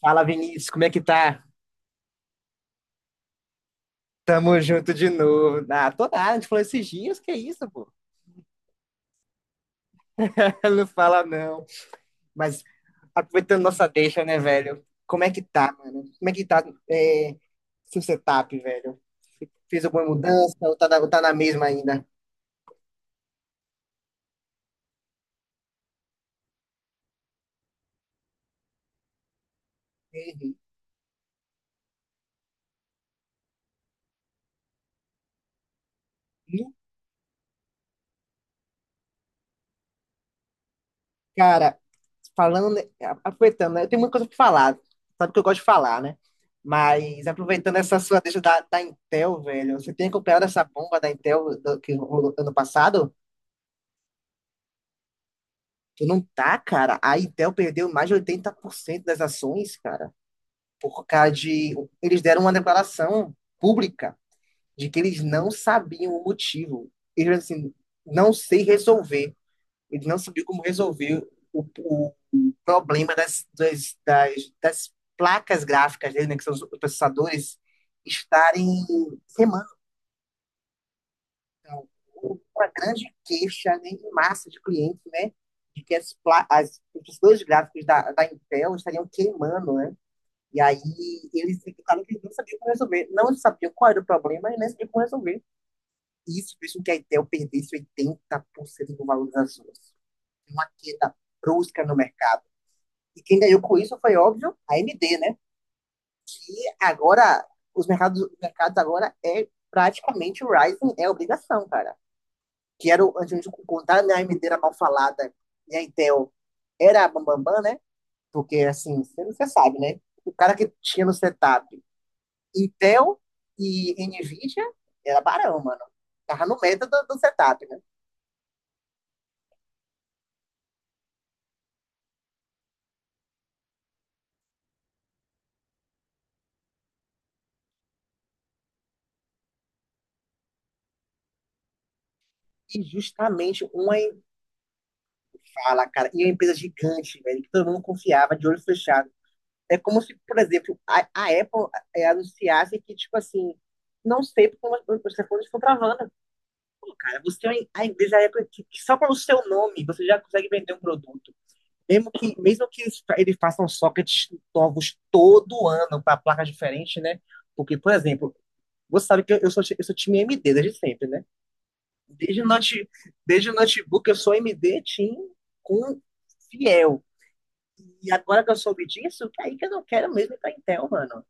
Fala, Vinícius, como é que tá? Tamo junto de novo. Ah, tô nada, a gente falou esses dias, que isso, pô? Não fala não. Mas aproveitando nossa deixa, né, velho? Como é que tá, mano? Como é que tá é, seu setup, velho? Fez alguma mudança ou tá na mesma ainda? Uhum. E, cara, falando, né, aproveitando, né, eu tenho muita coisa pra falar. Sabe que eu gosto de falar, né? Mas aproveitando essa sua deixa da Intel, velho, você tem acompanhado essa bomba da Intel que rolou ano passado? Tu não tá, cara. A Intel perdeu mais de 80% das ações, cara, por causa de. Eles deram uma declaração pública de que eles não sabiam o motivo. Eles assim, não sei resolver. Eles não sabiam como resolver o problema das placas gráficas dele, né, que são os processadores, estarem. Então, uma grande queixa né, em massa de clientes, né? De que os dois gráficos da Intel estariam queimando, né? E aí eles ficaram que não sabiam como resolver. Não sabiam qual era o problema e nem sabiam como resolver. Isso fez com que a Intel perdesse 80% do valor das ações. Uma queda brusca no mercado. E quem ganhou com isso foi, óbvio, a AMD, né? Que agora, os mercados agora é praticamente o Ryzen é obrigação, cara. Que era a gente contar né, a AMD era mal falada e a Intel era a bambambam, né? Porque, assim, você sabe, né? O cara que tinha no setup Intel e NVIDIA era barão, mano. Tava no meta do setup, né? E justamente uma fala, cara, e é uma empresa gigante, velho, que todo mundo confiava, de olho fechado. É como se, por exemplo, a Apple anunciasse que, tipo assim, não sei porque os telefones estão travando. Pô, cara, você tem a empresa é que só pelo seu nome você já consegue vender um produto. Mesmo que eles, eles façam sockets novos todo ano para placas diferentes, né? Porque, por exemplo, você sabe que eu sou time A M d desde sempre, né? Desde o, note, desde o notebook eu sou A M d Team com fiel. E agora que eu soube disso, que aí que eu não quero mesmo ir para Intel, mano.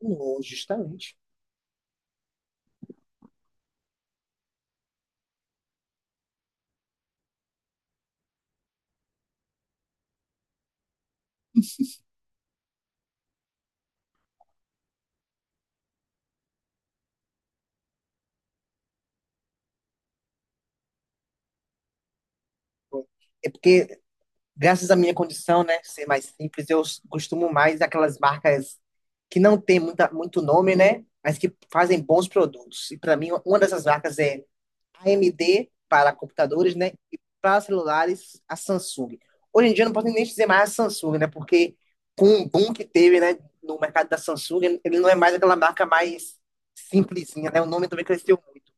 Não, justamente. É porque graças à minha condição, né, ser mais simples, eu costumo mais aquelas marcas que não tem muita, muito nome, né, mas que fazem bons produtos. E para mim, uma dessas marcas é a AMD para computadores, né, e para celulares, a Samsung. Hoje em dia eu não posso nem dizer mais a Samsung, né, porque com o boom que teve, né, no mercado da Samsung, ele não é mais aquela marca mais simplesinha, né, o nome também cresceu muito.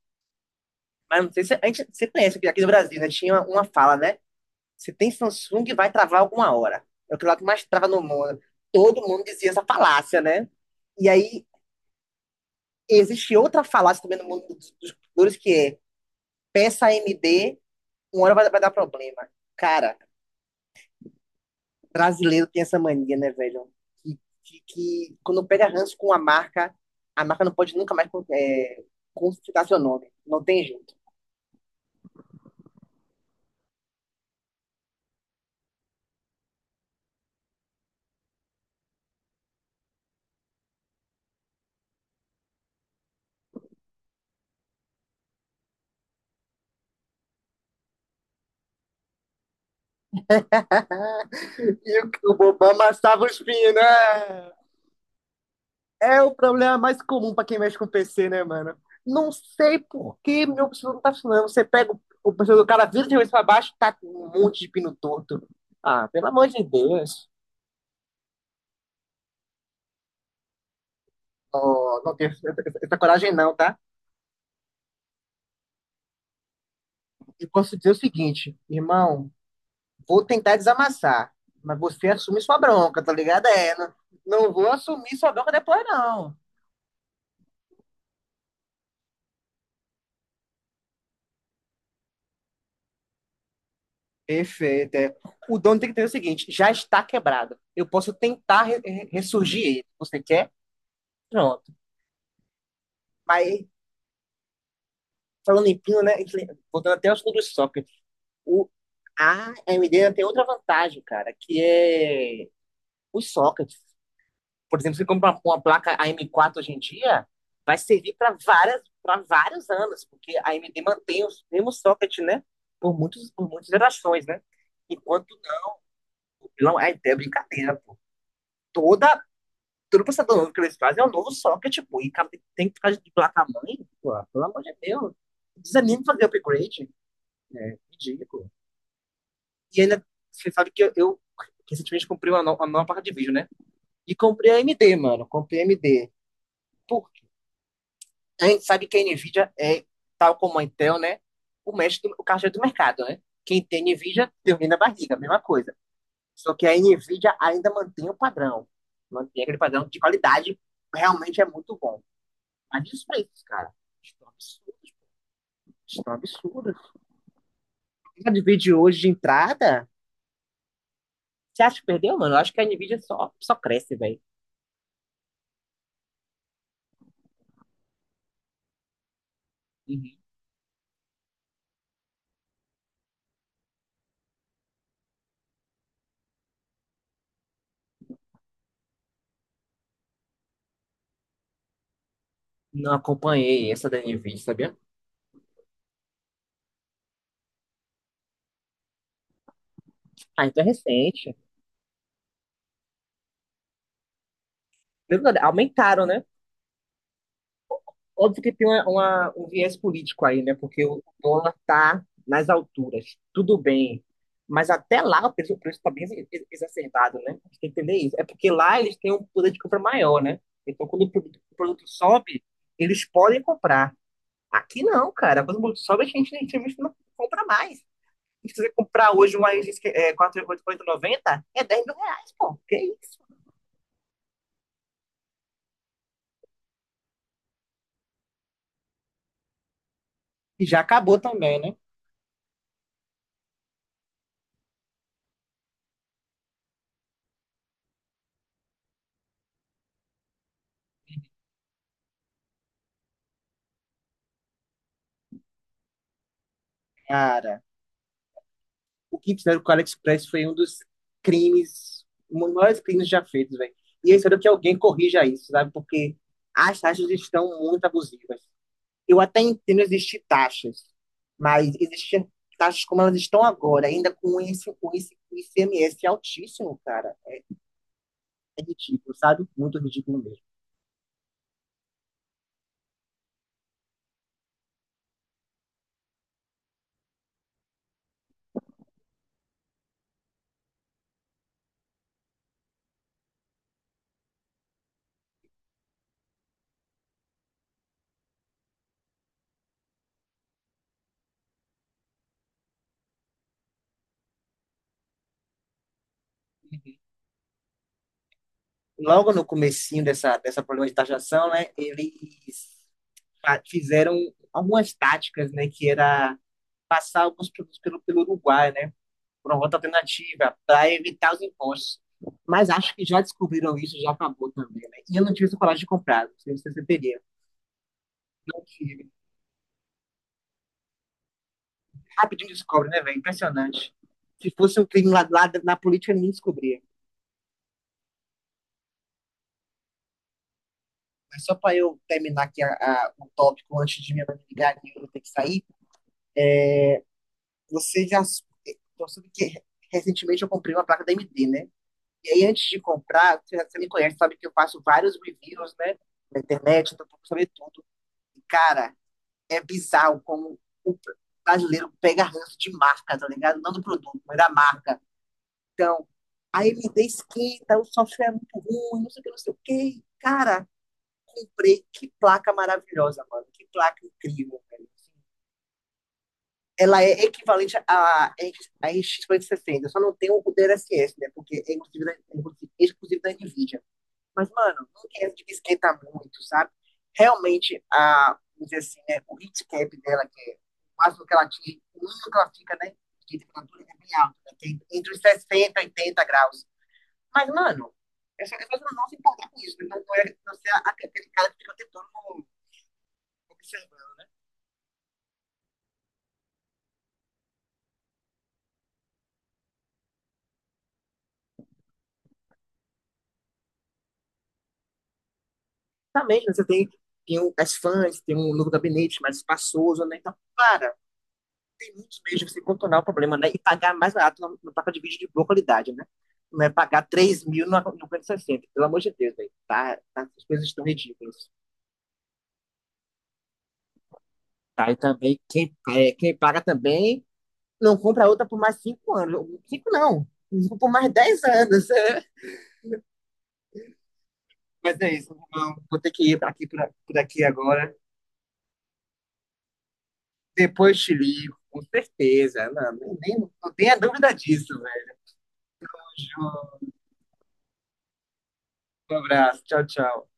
Mas não sei se a gente, você conhece, porque aqui no Brasil, né, tinha uma fala, né, se tem Samsung, vai travar alguma hora. É o que lá que mais trava no mundo. Todo mundo dizia essa falácia, né? E aí existe outra falácia também no mundo dos computadores que é peça AMD, uma hora vai dar problema. Cara, brasileiro tem essa mania, né, velho? Que quando pega ranço com a marca não pode nunca mais consultar seu nome. Não tem jeito. E o Obama assava os pinos, né? É o problema mais comum para quem mexe com PC, né, mano? Não sei por que meu computador não tá funcionando. Você pega o computador do cara, vira de cabeça pra baixo, tá com um monte de pino torto. Ah, pelo amor de Deus. Ó, não tenho essa coragem não, tá? Eu posso dizer o seguinte, irmão, vou tentar desamassar, mas você assume sua bronca, tá ligado? É, não, não vou assumir sua bronca depois, não. Perfeito, é. O dono tem que entender o seguinte, já está quebrado. Eu posso tentar ressurgir ele. Você quer? Pronto. Mas, falando em pino, né? Voltando até aos do socket. O, a AMD ainda tem outra vantagem, cara, que é os sockets. Por exemplo, você compra uma placa AM4 hoje em dia, vai servir para vários anos, porque a AMD mantém os mesmos socket, né? Por muitas gerações, né? Enquanto não, é brincadeira, pô. Toda todo processador novo que eles fazem é um novo socket, pô. E cara, tem que ficar de placa mãe, pô. Pelo amor de Deus. Desanime fazer upgrade. É, ridículo. E ainda, você sabe que eu recentemente comprei uma, no- uma nova placa de vídeo, né? E comprei a AMD, mano. Comprei a AMD. Por quê? A gente sabe que a NVIDIA é, tal como a Intel, né? O mestre, o caixa do mercado, né? Quem tem NVIDIA, tem na barriga, a mesma coisa. Só que a NVIDIA ainda mantém o padrão. Mantém aquele padrão de qualidade. Realmente é muito bom. Mas e os preços, cara? Estão absurdos. Estão absurdos. A de vídeo hoje de entrada, você acha que perdeu, mano? Eu acho que a NVIDIA só cresce, velho. Uhum. Não acompanhei essa da NVIDIA, sabia? Ah, então é recente. Mesmo nada, aumentaram, né? Óbvio que tem um viés político aí, né? Porque o dólar tá nas alturas. Tudo bem. Mas até lá o preço, tá bem exacerbado, né? A gente tem que entender isso. É porque lá eles têm um poder de compra maior, né? Então, quando o produto, sobe, eles podem comprar. Aqui não, cara. Quando o produto sobe, a gente não compra mais. Se você comprar hoje uma R$ 4.890, é 4.890, é R$ 10.000, pô. Que isso? E já acabou também, né? Cara, o que fizeram com o AliExpress foi um dos crimes, um dos maiores crimes já feitos, velho. E eu espero que alguém corrija isso, sabe? Porque as taxas estão muito abusivas. Eu até entendo existir taxas, mas existir taxas como elas estão agora, ainda com esse, ICMS altíssimo, cara, é ridículo, sabe? Muito ridículo mesmo. Logo no comecinho dessa, problema de taxação, né, eles fizeram algumas táticas, né, que era passar alguns produtos pelo, Uruguai, né, por uma rota alternativa, para evitar os impostos. Mas acho que já descobriram isso, já acabou também, né? E eu não tive essa coragem de comprar, não sei se você teria. Não tive. Rapidinho descobre, né, velho? Impressionante. Se fosse um crime lá, na política, ninguém descobria. Mas só para eu terminar aqui o tópico antes de minha mãe me ligar e eu ter que sair, você já então, sabe que recentemente eu comprei uma placa da AMD, né? E aí, antes de comprar, você me conhece, sabe que eu faço vários reviews, né? Na internet, então procuro saber tudo. E, cara, é bizarro como o brasileiro pega ranço de marca, tá ligado? Não do produto, mas da marca. Então, a MD esquenta, o software é muito ruim, não sei o que, não sei o que. Cara, comprei. Que placa maravilhosa, mano. Que placa incrível, velho. Ela é equivalente à RX 560. Só não tem o DLSS, né? Porque é exclusivo da NVIDIA. Mas, mano, não quero que me esquenta muito, sabe? Realmente, vamos dizer assim, né, o heat cap dela, que é o máximo que ela atinge, o mínimo que ela fica, né? De temperatura é bem alta, né, que é entre os 60 e 80 graus. Mas, mano, eu só não se importar com isso. Então, não é você é aquele cara que fica o tempo todo observando. Também, né, você tem, as fãs, tem um novo gabinete mais espaçoso, né? Então, para. Tem muitos meios de você contornar o problema, né? E pagar mais barato placa de vídeo de boa qualidade, né? Não é pagar 3.000 no 5060, pelo amor de Deus, velho. Tá, tá, as coisas estão ridículas. Tá, e também, quem paga também não compra outra por mais 5 anos. Cinco não, por mais 10 anos. É. Mas é isso, não, vou ter que ir pra aqui, por aqui agora. Depois te ligo, com certeza. Não, nem, nem, não tenha dúvida disso, velho. Um abraço, tchau, tchau.